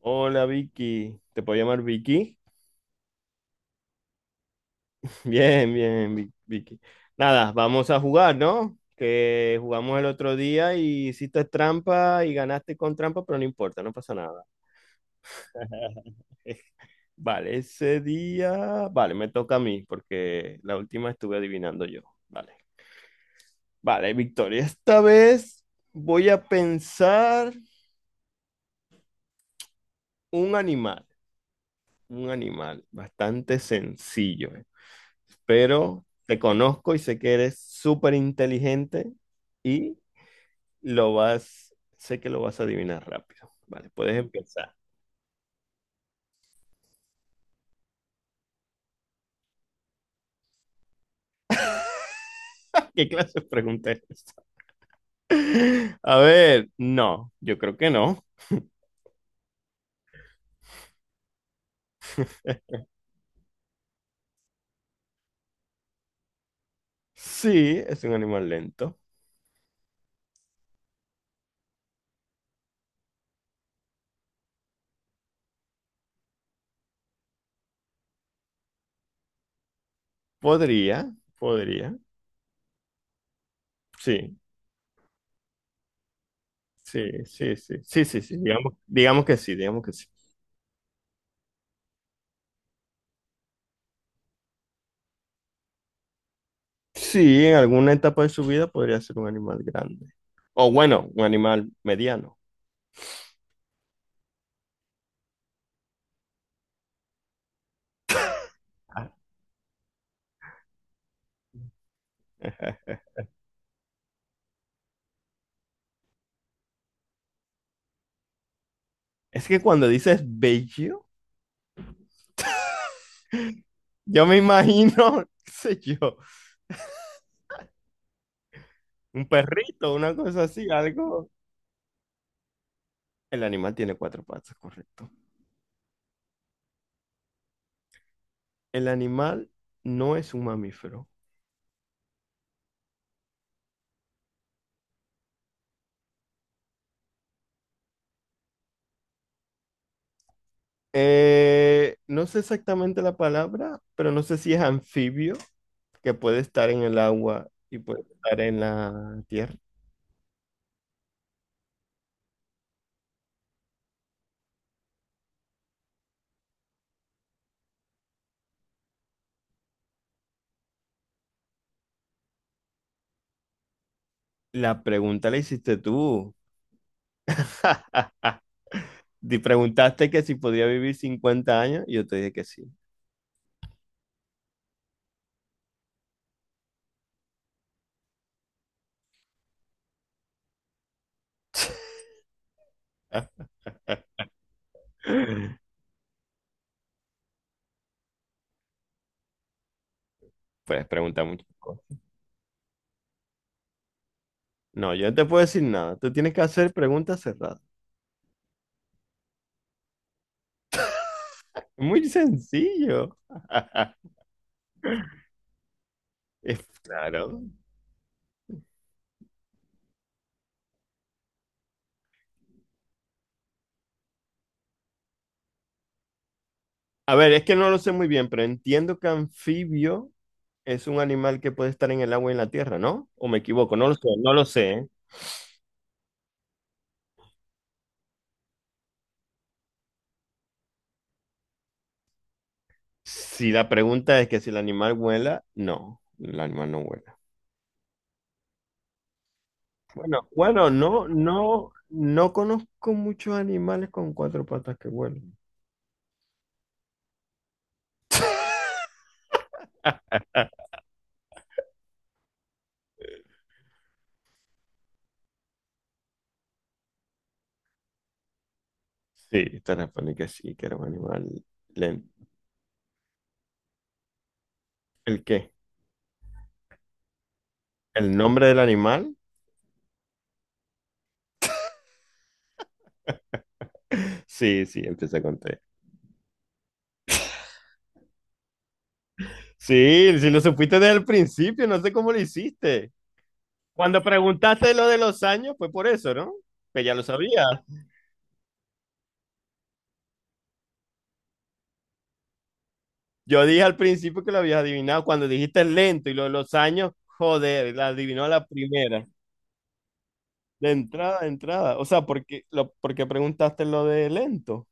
Hola Vicky, ¿te puedo llamar Vicky? Bien, bien, Vicky. Nada, vamos a jugar, ¿no? Que jugamos el otro día y hiciste trampa y ganaste con trampa, pero no importa, no pasa nada. Vale, ese día, vale, me toca a mí porque la última estuve adivinando yo. Vale, vale, Victoria, esta vez voy a pensar un animal, un animal bastante sencillo. Pero te conozco y sé que eres súper inteligente y lo sé que lo vas a adivinar rápido. Vale, puedes empezar. ¿Qué clase de pregunta es esta? A ver, no, yo creo que no. Sí, es un animal lento. Podría, podría. Sí, sí, sí, sí, sí, sí, sí, digamos, digamos que sí, digamos que sí. Sí, en alguna etapa de su vida podría ser un animal grande. O bueno, un animal mediano. Es que cuando dices bello, yo me imagino, qué sé yo, un perrito, una cosa así, algo. El animal tiene cuatro patas, correcto. El animal no es un mamífero. No sé exactamente la palabra, pero no sé si es anfibio, que puede estar en el agua y puede estar en la tierra. La pregunta la hiciste tú. Te preguntaste que si podía vivir 50 años y yo te dije que sí. Puedes preguntar muchas cosas. No, yo no te puedo decir nada. Tú tienes que hacer preguntas cerradas. Muy sencillo. Es claro. A ver, es que no lo sé muy bien, pero entiendo que anfibio es un animal que puede estar en el agua y en la tierra, ¿no? ¿O me equivoco? No lo sé, no lo sé. ¿Eh? Si la pregunta es que si el animal vuela, no, el animal no vuela. Bueno, bueno, no, no, no conozco muchos animales con cuatro patas que vuelan. Sí, te respondí que sí, que era un animal lento. ¿El qué? ¿El nombre del animal? Sí, sí, empieza con T. Sí, sí lo supiste desde el principio, no sé cómo lo hiciste. Cuando preguntaste lo de los años, fue por eso, ¿no? Que ya lo sabías. Yo dije al principio que lo habías adivinado. Cuando dijiste lento y lo de los años, joder, la adivinó a la primera. De entrada, de entrada. O sea, ¿porque preguntaste lo de lento?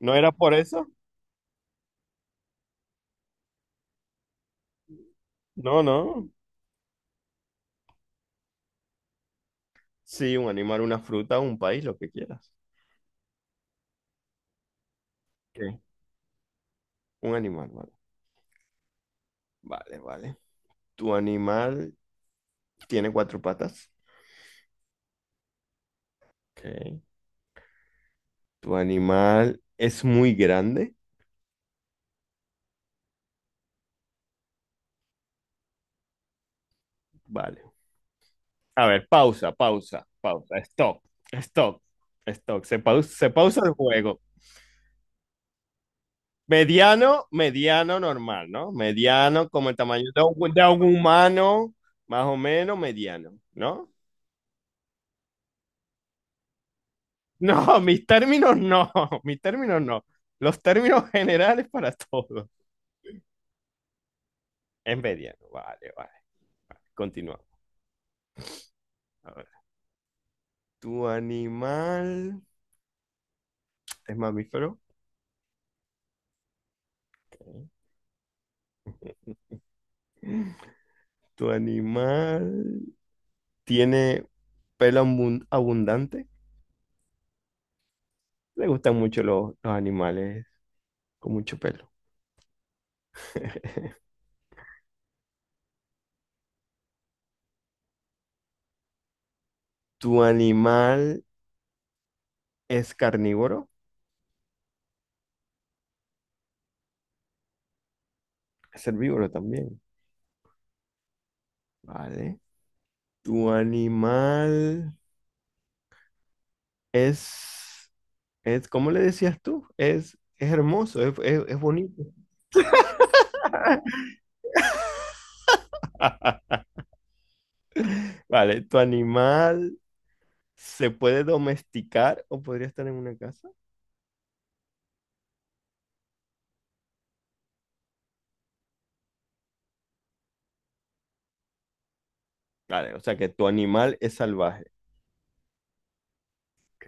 ¿No era por eso? No, no. Sí, un animal, una fruta, un país, lo que quieras. ¿Qué? Un animal, vale. Vale, vale. Tu animal tiene cuatro patas. Ok. ¿Tu animal es muy grande? Vale. A ver, pausa, pausa, pausa. Stop, stop, stop. Se pausa el juego. Mediano, mediano normal, ¿no? Mediano como el tamaño de un humano, más o menos mediano, ¿no? No, mis términos no, mis términos no. Los términos generales para todos. Es mediano, vale, vale, vale. Continuamos. A ver. ¿Tu animal es mamífero? Ok. ¿Tu animal tiene pelo abundante? Le gustan mucho los animales con mucho pelo. ¿Tu animal es carnívoro? Es herbívoro también. Vale. ¿Tu animal es, cómo le decías tú? Es hermoso, es bonito. Vale. ¿Tu animal se puede domesticar o podría estar en una casa? Vale, o sea que tu animal es salvaje. Ok.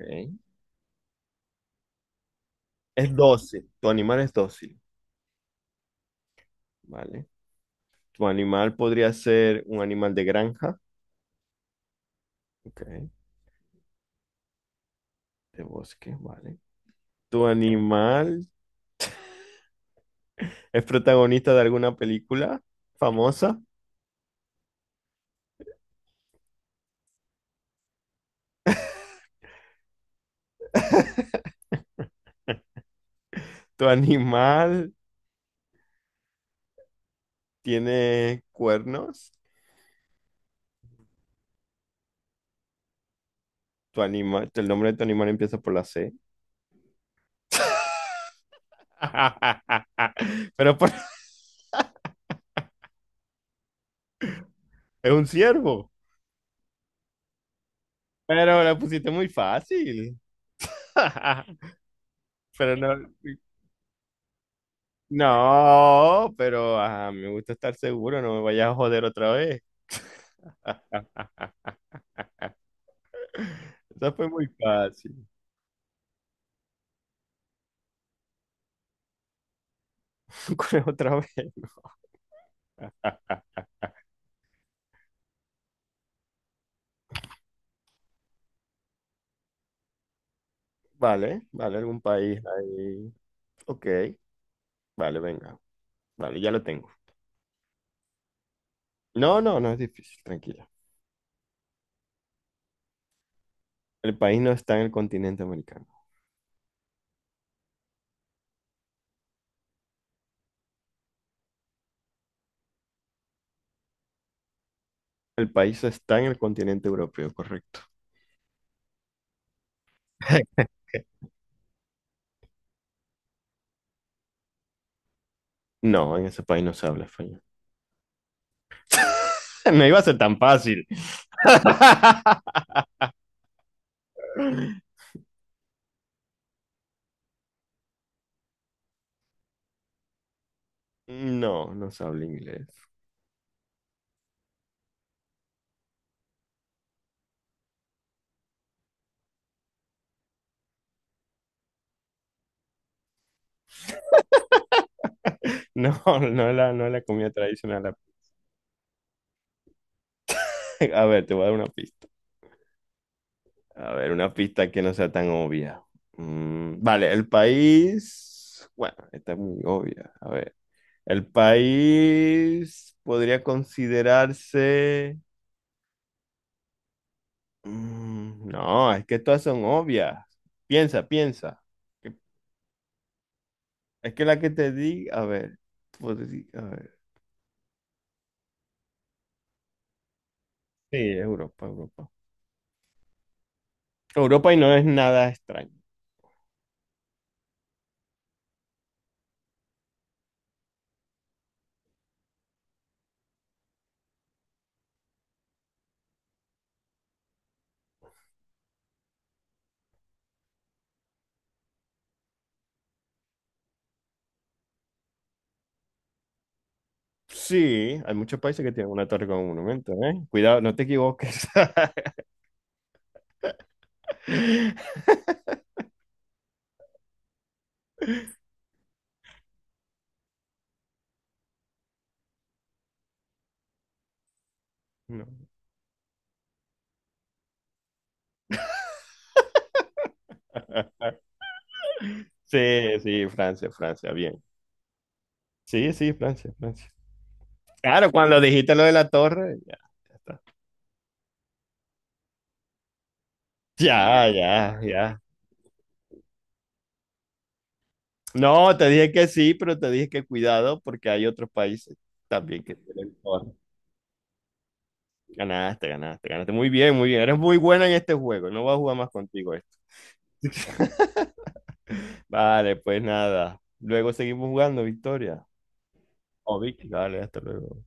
Es dócil, tu animal es dócil, ¿vale? Tu animal podría ser un animal de granja, ok, de bosque, ¿vale? Tu animal es protagonista de alguna película famosa. Tu animal tiene cuernos. Tu animal, el nombre de tu animal empieza por la C. Pero por- es un ciervo. Pero la pusiste muy fácil. Pero no. No, pero ajá, me gusta estar seguro, no me vayas a joder otra vez. Esa fue muy fácil. ¿Cuál es otra vez? Vale, vale, algún país ahí. Ok, vale, venga. Vale, ya lo tengo. No, no, no es difícil, tranquila. El país no está en el continente americano. El país está en el continente europeo, correcto. No, en ese país no se habla español. No iba a ser tan fácil. No, no se habla inglés. No, no es la comida tradicional. A ver, te voy a dar una pista. A ver, una pista que no sea tan obvia. Vale, el país. Bueno, esta es muy obvia. A ver, el país podría considerarse. No, es que todas son obvias. Piensa, piensa. Es que la que te di, a ver, a ver. Sí, Europa, Europa. Europa y no es nada extraño. Sí, hay muchos países que tienen una torre como monumento, ¿eh? Cuidado, no te equivoques. No. Sí, sí, Francia, Francia, bien. Sí, sí, Francia, Francia. Claro, cuando dijiste lo de la torre, ya, ya está. Ya, ya, ya. No, te dije que sí, pero te dije que cuidado porque hay otros países también que tienen torre. Ganaste, ganaste, ganaste. Muy bien, muy bien. Eres muy buena en este juego. No voy a jugar más contigo esto. Vale, pues nada. Luego seguimos jugando, Victoria. Oh, Vicky, vale, hasta luego.